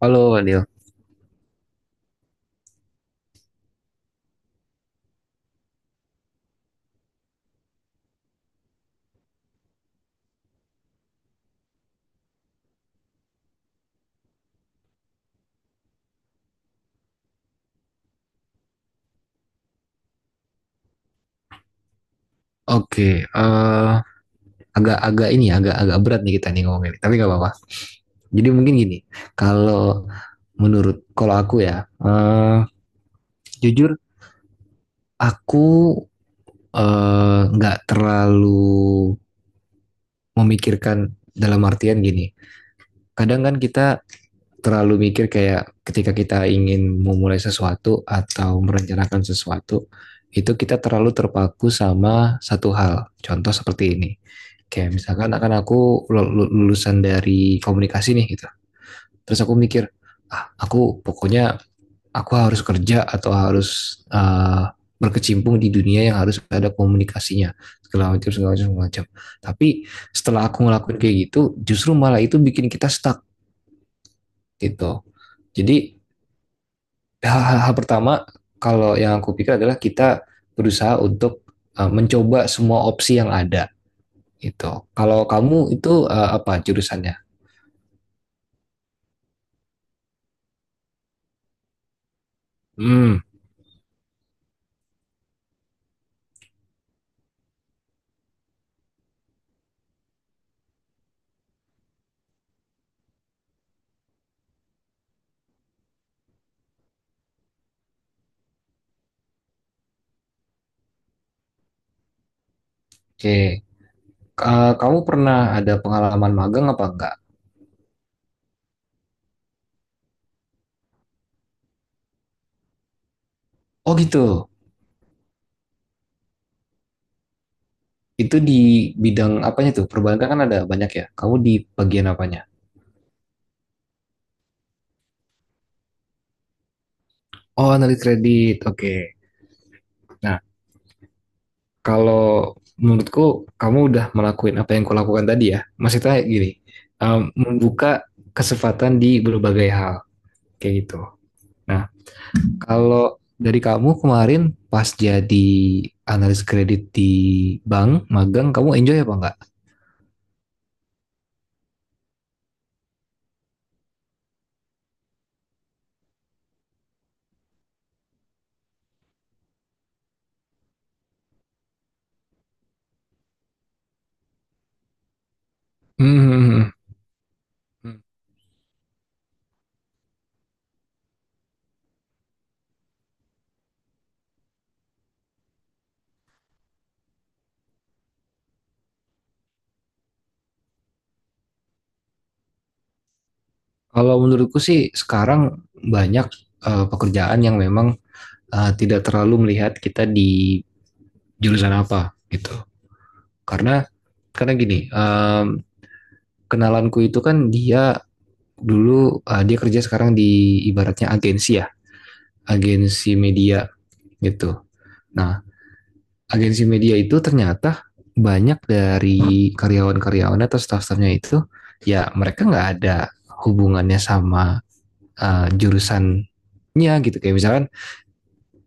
Halo Wadil. Oke, eh, agak-agak ini ya, agak-agak berat nih kita nih ngomongin, tapi nggak apa-apa. Jadi mungkin gini, kalau menurut kalau aku ya, eh, jujur aku nggak terlalu memikirkan dalam artian gini. Kadang kan kita terlalu mikir kayak ketika kita ingin memulai sesuatu atau merencanakan sesuatu, itu kita terlalu terpaku sama satu hal. Contoh seperti ini. Kayak misalkan akan aku lulusan dari komunikasi nih gitu. Terus aku mikir, ah aku pokoknya aku harus kerja atau harus berkecimpung di dunia yang harus ada komunikasinya segala macam segala macam segala macam tapi setelah aku ngelakuin kayak gitu justru malah itu bikin kita stuck gitu jadi hal, hal- pertama kalau yang aku pikir adalah kita berusaha untuk mencoba semua opsi yang ada gitu. Kalau kamu itu apa jurusannya? Hmm, oke. Kamu pernah ada pengalaman magang apa enggak? Oh gitu. Itu di bidang apanya tuh? Perbankan kan ada banyak ya. Kamu di bagian apanya? Oh, analis kredit. Oke. Okay. Nah, kalau menurutku kamu udah melakukan apa yang kulakukan tadi ya. Maksudnya gini, membuka kesempatan di berbagai hal. Kayak gitu. Nah, kalau dari kamu kemarin pas jadi analis kredit di bank magang, kamu enjoy apa enggak? Hmm. Kalau menurutku sih sekarang banyak pekerjaan yang memang tidak terlalu melihat kita di jurusan apa gitu. Karena karena gini, kenalanku itu kan dia dulu dia kerja sekarang di ibaratnya agensi ya, agensi media gitu. Nah, agensi media itu ternyata banyak dari karyawan-karyawannya atau staff-staffnya itu ya mereka nggak ada hubungannya sama jurusannya gitu kayak misalkan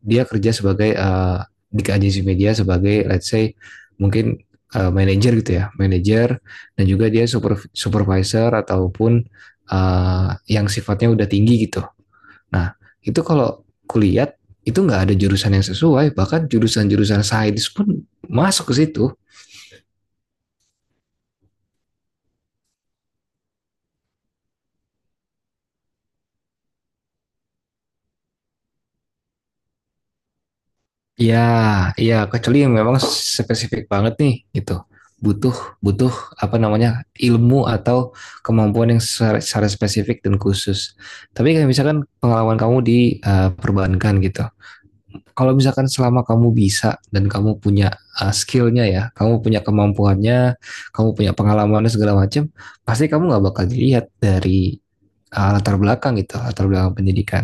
dia kerja sebagai di agensi media sebagai let's say mungkin manager gitu ya manager dan juga dia supervisor ataupun yang sifatnya udah tinggi gitu. Nah, itu kalau kulihat itu nggak ada jurusan yang sesuai, bahkan jurusan-jurusan sains pun masuk ke situ. Ya, ya kecuali yang memang spesifik banget nih gitu. Butuh butuh apa namanya? Ilmu atau kemampuan yang secara spesifik dan khusus. Tapi kayak misalkan pengalaman kamu di perbankan gitu. Kalau misalkan selama kamu bisa dan kamu punya skillnya ya, kamu punya kemampuannya, kamu punya pengalamannya segala macam, pasti kamu nggak bakal dilihat dari latar belakang gitu, latar belakang pendidikan.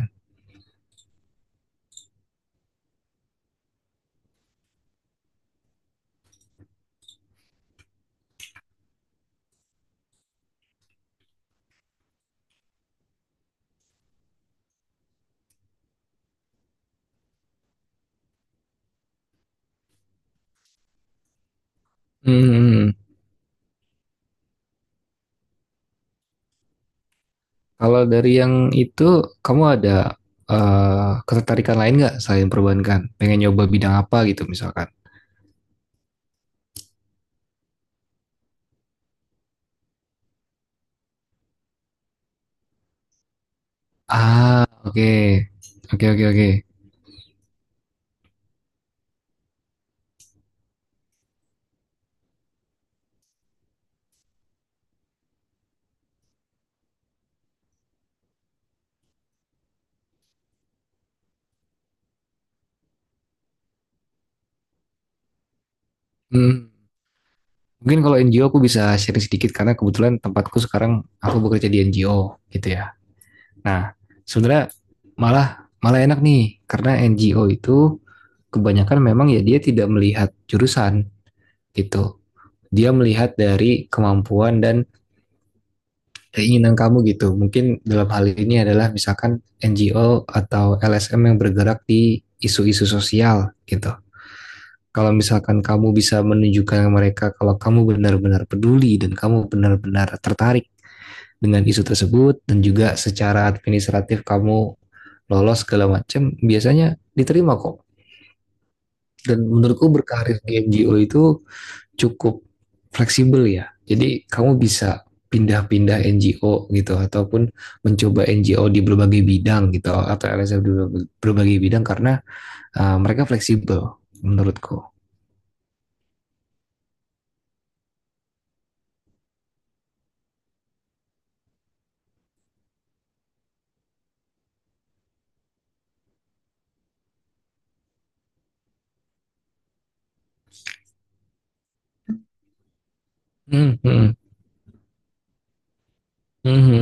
Hmm. Kalau dari yang itu, kamu ada ketertarikan lain nggak selain perbankan? Pengen nyoba bidang apa gitu misalkan? Ah, oke, okay. Oke, okay, oke, okay, oke. Okay. Hmm. Mungkin kalau NGO aku bisa sharing sedikit karena kebetulan tempatku sekarang aku bekerja di NGO gitu ya. Nah, sebenarnya malah malah enak nih karena NGO itu kebanyakan memang ya dia tidak melihat jurusan gitu. Dia melihat dari kemampuan dan keinginan kamu gitu. Mungkin dalam hal ini adalah misalkan NGO atau LSM yang bergerak di isu-isu sosial gitu. Kalau misalkan kamu bisa menunjukkan mereka kalau kamu benar-benar peduli dan kamu benar-benar tertarik dengan isu tersebut dan juga secara administratif kamu lolos segala macam biasanya diterima kok dan menurutku berkarir di NGO itu cukup fleksibel ya. Jadi kamu bisa pindah-pindah NGO gitu ataupun mencoba NGO di berbagai bidang gitu atau LSM di berbagai bidang karena mereka fleksibel menurutku. Hmm, hmm, hmm,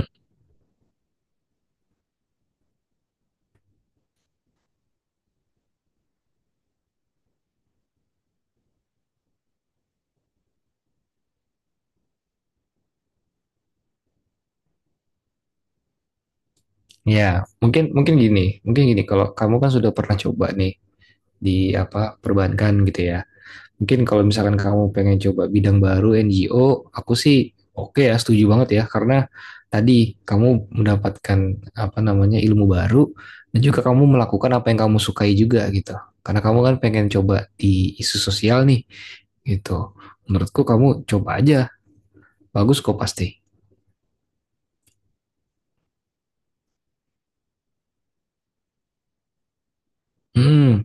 ya mungkin mungkin gini kalau kamu kan sudah pernah coba nih di apa perbankan gitu ya. Mungkin kalau misalkan kamu pengen coba bidang baru NGO, aku sih oke ya, setuju banget ya. Karena tadi kamu mendapatkan apa namanya ilmu baru dan juga kamu melakukan apa yang kamu sukai juga gitu. Karena kamu kan pengen coba di isu sosial nih gitu. Menurutku kamu coba aja, bagus kok pasti. Hmm,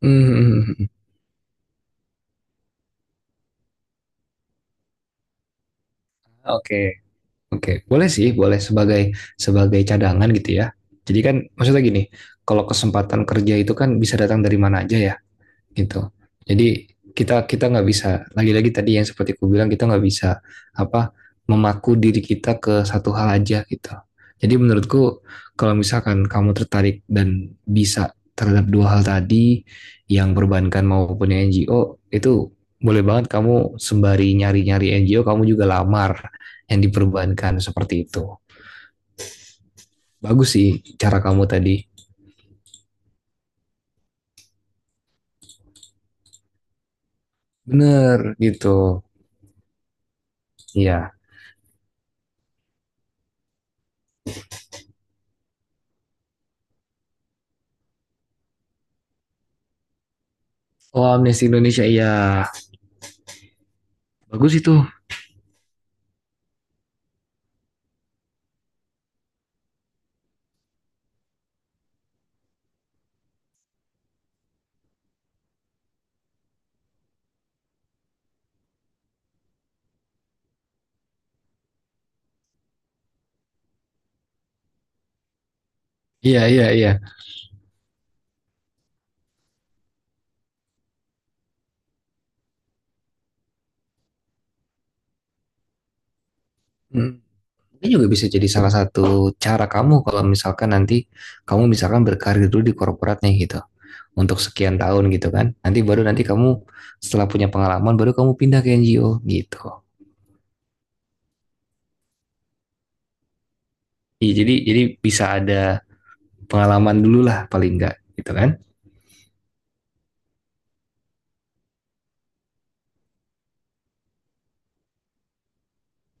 hmm, hmm, hmm. Oke, oke, boleh sih, boleh sebagai sebagai cadangan gitu ya. Jadi kan maksudnya gini, kalau kesempatan kerja itu kan bisa datang dari mana aja ya. Gitu. Jadi kita kita nggak bisa lagi-lagi tadi yang seperti aku bilang kita nggak bisa apa memaku diri kita ke satu hal aja gitu. Jadi menurutku kalau misalkan kamu tertarik dan bisa terhadap dua hal tadi yang perbankan maupun yang NGO itu boleh banget kamu sembari nyari-nyari NGO kamu juga lamar yang diperbankan seperti itu. Bagus sih cara kamu tadi. Bener gitu. Iya. Oh Amnesty Indonesia iya. Bagus itu. Iya, iya, iya. Hmm. Ini juga bisa jadi salah satu cara kamu kalau misalkan nanti kamu misalkan berkarir dulu di korporatnya gitu. Untuk sekian tahun gitu kan. Nanti baru nanti kamu setelah punya pengalaman baru kamu pindah ke NGO gitu. Iya, jadi bisa ada pengalaman dulu lah paling enggak gitu kan.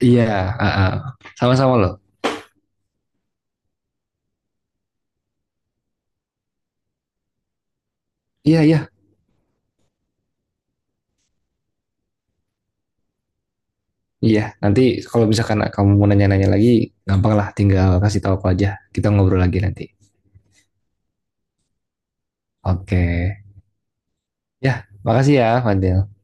Iya, ah, ah. Sama-sama loh. Iya, iya. Iya, nanti kalau misalkan kamu mau nanya-nanya lagi, gampang lah tinggal kasih tahu aku aja. Kita ngobrol lagi nanti. Oke. Ya, makasih ya, Fadil.